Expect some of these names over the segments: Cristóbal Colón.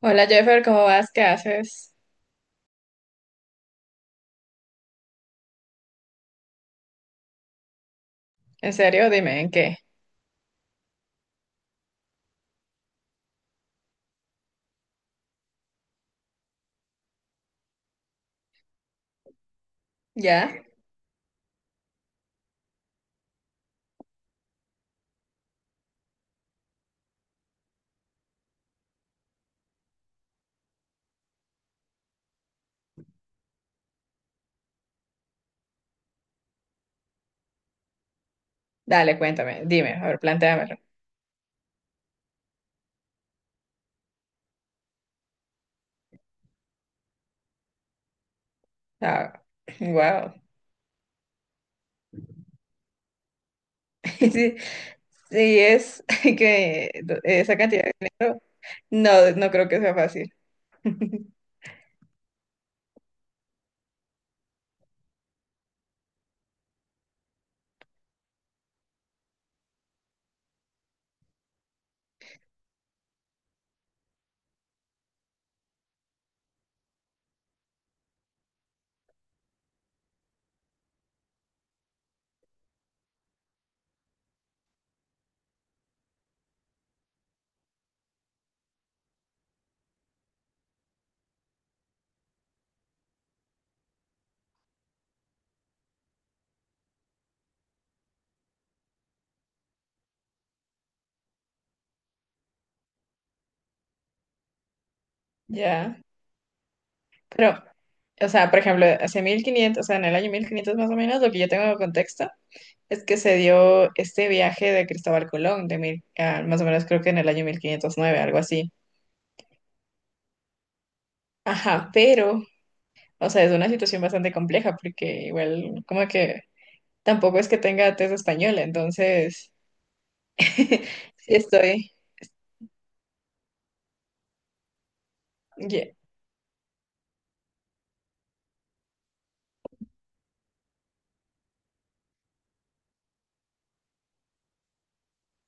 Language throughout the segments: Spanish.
Hola Jeffer, ¿cómo vas? ¿Qué haces? ¿En serio? Dime, ¿en qué? ¿Ya? Dale, cuéntame, dime, a ver, plantéamelo. Ah, wow. Sí, sí, es que esa cantidad de dinero, no, no creo que sea fácil. Ya. Pero, o sea, por ejemplo, hace 1500, o sea, en el año 1500 más o menos, lo que yo tengo de contexto es que se dio este viaje de Cristóbal Colón, más o menos creo que en el año 1509, algo así. Ajá, pero, o sea, es una situación bastante compleja porque igual como que tampoco es que tenga tez española, entonces sí estoy. ye-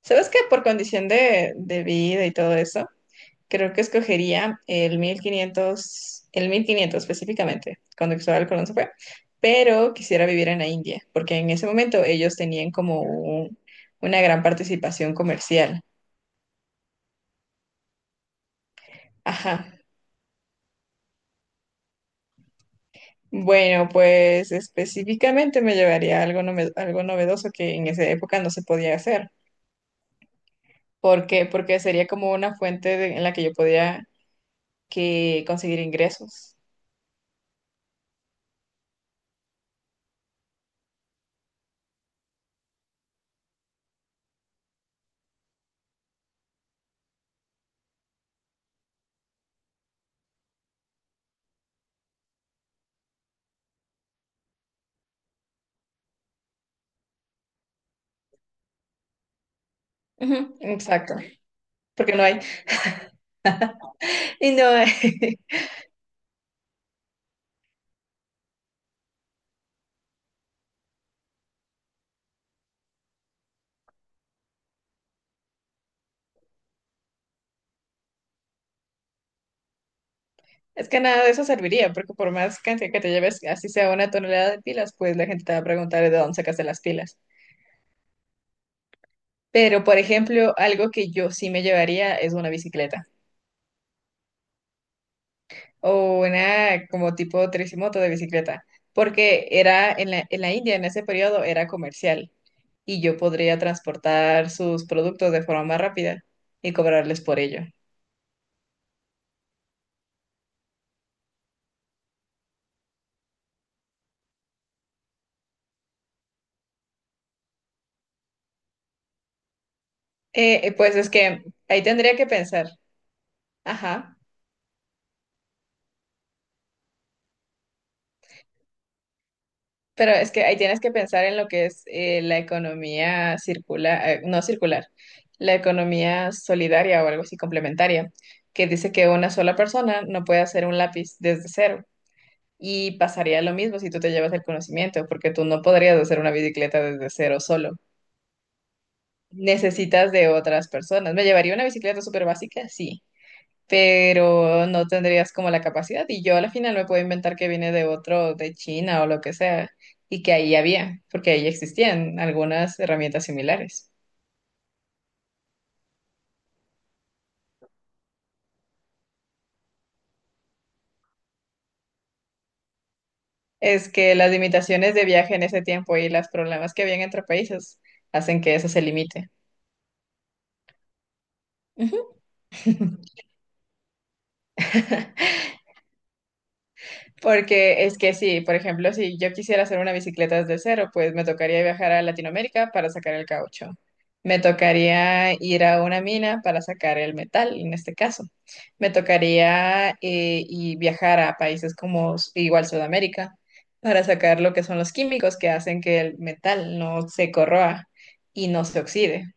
¿Sabes qué? Por condición de vida y todo eso, creo que escogería el mil quinientos específicamente, cuando Cristóbal Colón se fue, pero quisiera vivir en la India, porque en ese momento ellos tenían como una gran participación comercial. Ajá. Bueno, pues específicamente me llevaría algo novedoso que en esa época no se podía hacer. ¿Por qué? Porque sería como una fuente en la que yo podía que conseguir ingresos. Ujú, exacto, porque no hay. Y no, es que nada de eso serviría, porque por más cantidad que te lleves, así sea una tonelada de pilas, pues la gente te va a preguntar de dónde sacaste las pilas. Pero, por ejemplo, algo que yo sí me llevaría es una bicicleta, o una como tipo tricimoto de bicicleta, porque era en la India en ese periodo era comercial y yo podría transportar sus productos de forma más rápida y cobrarles por ello. Pues es que ahí tendría que pensar, ajá, pero es que ahí tienes que pensar en lo que es la economía circular, no circular, la economía solidaria o algo así complementaria, que dice que una sola persona no puede hacer un lápiz desde cero. Y pasaría lo mismo si tú te llevas el conocimiento, porque tú no podrías hacer una bicicleta desde cero solo. Necesitas de otras personas. Me llevaría una bicicleta súper básica, sí, pero no tendrías como la capacidad. Y yo a la final me puedo inventar que viene de otro, de China o lo que sea, y que ahí había, porque ahí existían algunas herramientas similares. Es que las limitaciones de viaje en ese tiempo y los problemas que habían entre países hacen que eso se limite. Ujú. Porque es que sí, por ejemplo, si yo quisiera hacer una bicicleta desde cero, pues me tocaría viajar a Latinoamérica para sacar el caucho. Me tocaría ir a una mina para sacar el metal, en este caso. Me tocaría y viajar a países como igual Sudamérica para sacar lo que son los químicos que hacen que el metal no se corroa y no se oxide.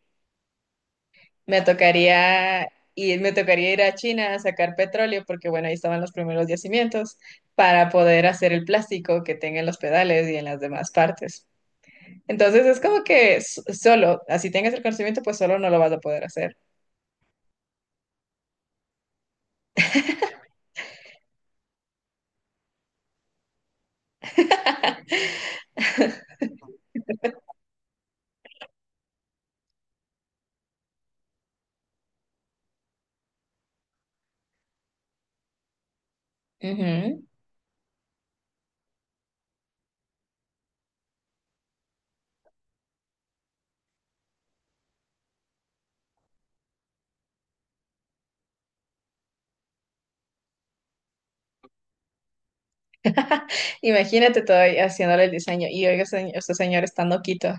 Me tocaría me tocaría ir a China a sacar petróleo porque bueno, ahí estaban los primeros yacimientos para poder hacer el plástico que tenga en los pedales y en las demás partes. Entonces es como que solo, así tengas el conocimiento, pues solo no lo vas a poder hacer. Ujú. Imagínate todo ahí haciéndole el diseño y oiga, señor, este señor está noquito.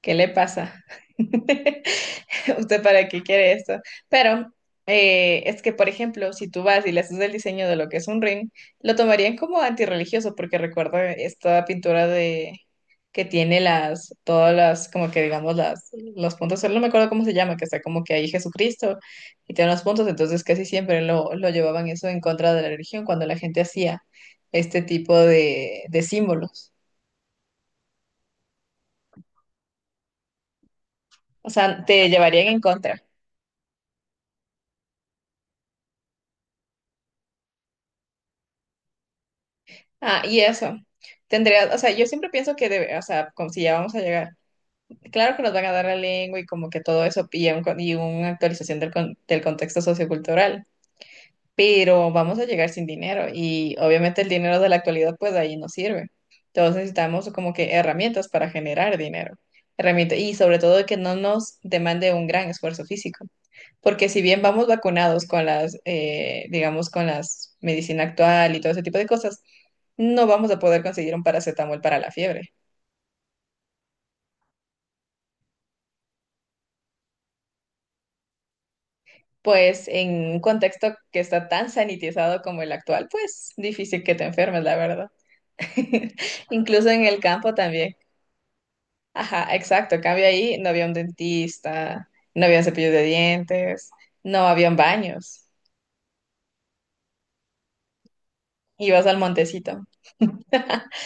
¿Qué le pasa? ¿Usted para qué quiere esto? Pero es que, por ejemplo, si tú vas y le haces el diseño de lo que es un ring, lo tomarían como antirreligioso, porque recuerda esta pintura de que tiene todas las, como que digamos, las, los puntos, solo no me acuerdo cómo se llama, que está como que ahí Jesucristo y tiene los puntos, entonces casi siempre lo llevaban eso en contra de la religión cuando la gente hacía este tipo de símbolos. O sea, te llevarían en contra. Ah, y eso. Tendría, o sea, yo siempre pienso que, o sea, como si ya vamos a llegar, claro que nos van a dar la lengua y como que todo eso y, una actualización del contexto sociocultural, pero vamos a llegar sin dinero y obviamente el dinero de la actualidad pues de ahí no sirve. Entonces necesitamos como que herramientas para generar dinero, herramientas y sobre todo que no nos demande un gran esfuerzo físico. Porque si bien vamos vacunados con las, digamos, con las medicina actual y todo ese tipo de cosas, no vamos a poder conseguir un paracetamol para la fiebre. Pues en un contexto que está tan sanitizado como el actual, pues difícil que te enfermes, la verdad. Incluso en el campo también. Ajá, exacto. En cambio ahí, no había un dentista, no había cepillos de dientes, no habían baños. Ibas al montecito.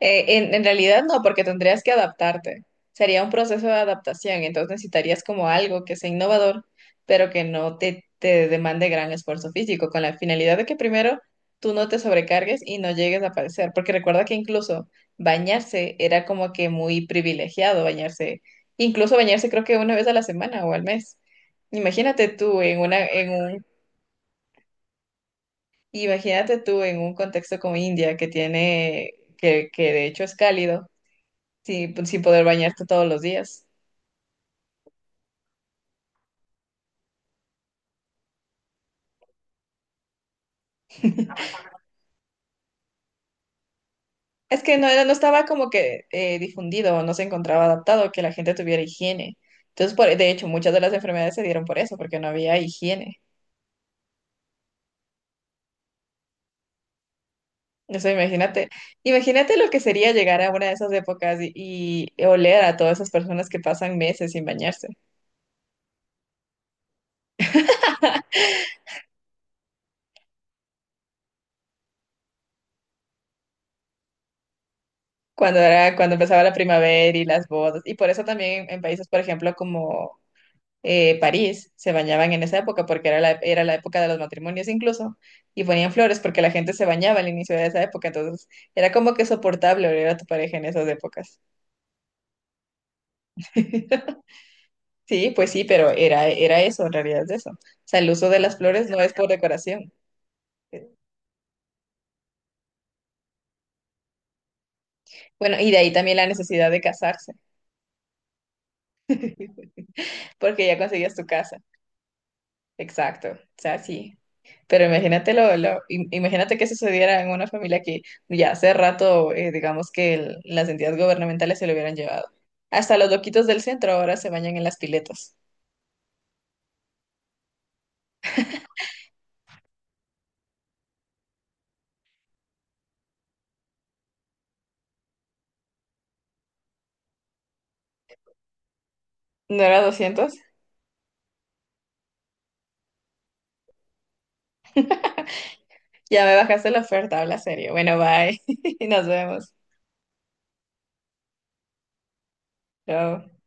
En realidad no, porque tendrías que adaptarte. Sería un proceso de adaptación, entonces necesitarías como algo que sea innovador, pero que no te demande gran esfuerzo físico, con la finalidad de que primero tú no te sobrecargues y no llegues a padecer, porque recuerda que incluso bañarse era como que muy privilegiado bañarse, incluso bañarse creo que una vez a la semana o al mes. Imagínate tú en una, en un, imagínate tú en un contexto como India que tiene, que de hecho es cálido. Sí, pues, sin poder bañarte todos los días. Es que no, no estaba como que difundido, no se encontraba adaptado que la gente tuviera higiene. Entonces, de hecho, muchas de las enfermedades se dieron por eso, porque no había higiene. Eso, imagínate lo que sería llegar a una de esas épocas y oler a todas esas personas que pasan meses sin bañarse. Cuando empezaba la primavera y las bodas. Y por eso también en países, por ejemplo, como París se bañaban en esa época porque era la época de los matrimonios incluso, y ponían flores porque la gente se bañaba al inicio de esa época, entonces era como que soportable oler a tu pareja en esas épocas. Sí, pues sí, pero era eso, en realidad es eso. O sea, el uso de las flores no es por decoración. Bueno, y de ahí también la necesidad de casarse, porque ya conseguías tu casa. Exacto, o sea, sí. Pero imagínate, imagínate que sucediera en una familia que ya hace rato, digamos que las entidades gubernamentales se lo hubieran llevado. Hasta los loquitos del centro ahora se bañan en las piletas. ¿No era 200? Ya me bajaste la oferta, habla serio. Bueno, bye. Nos vemos. Chao.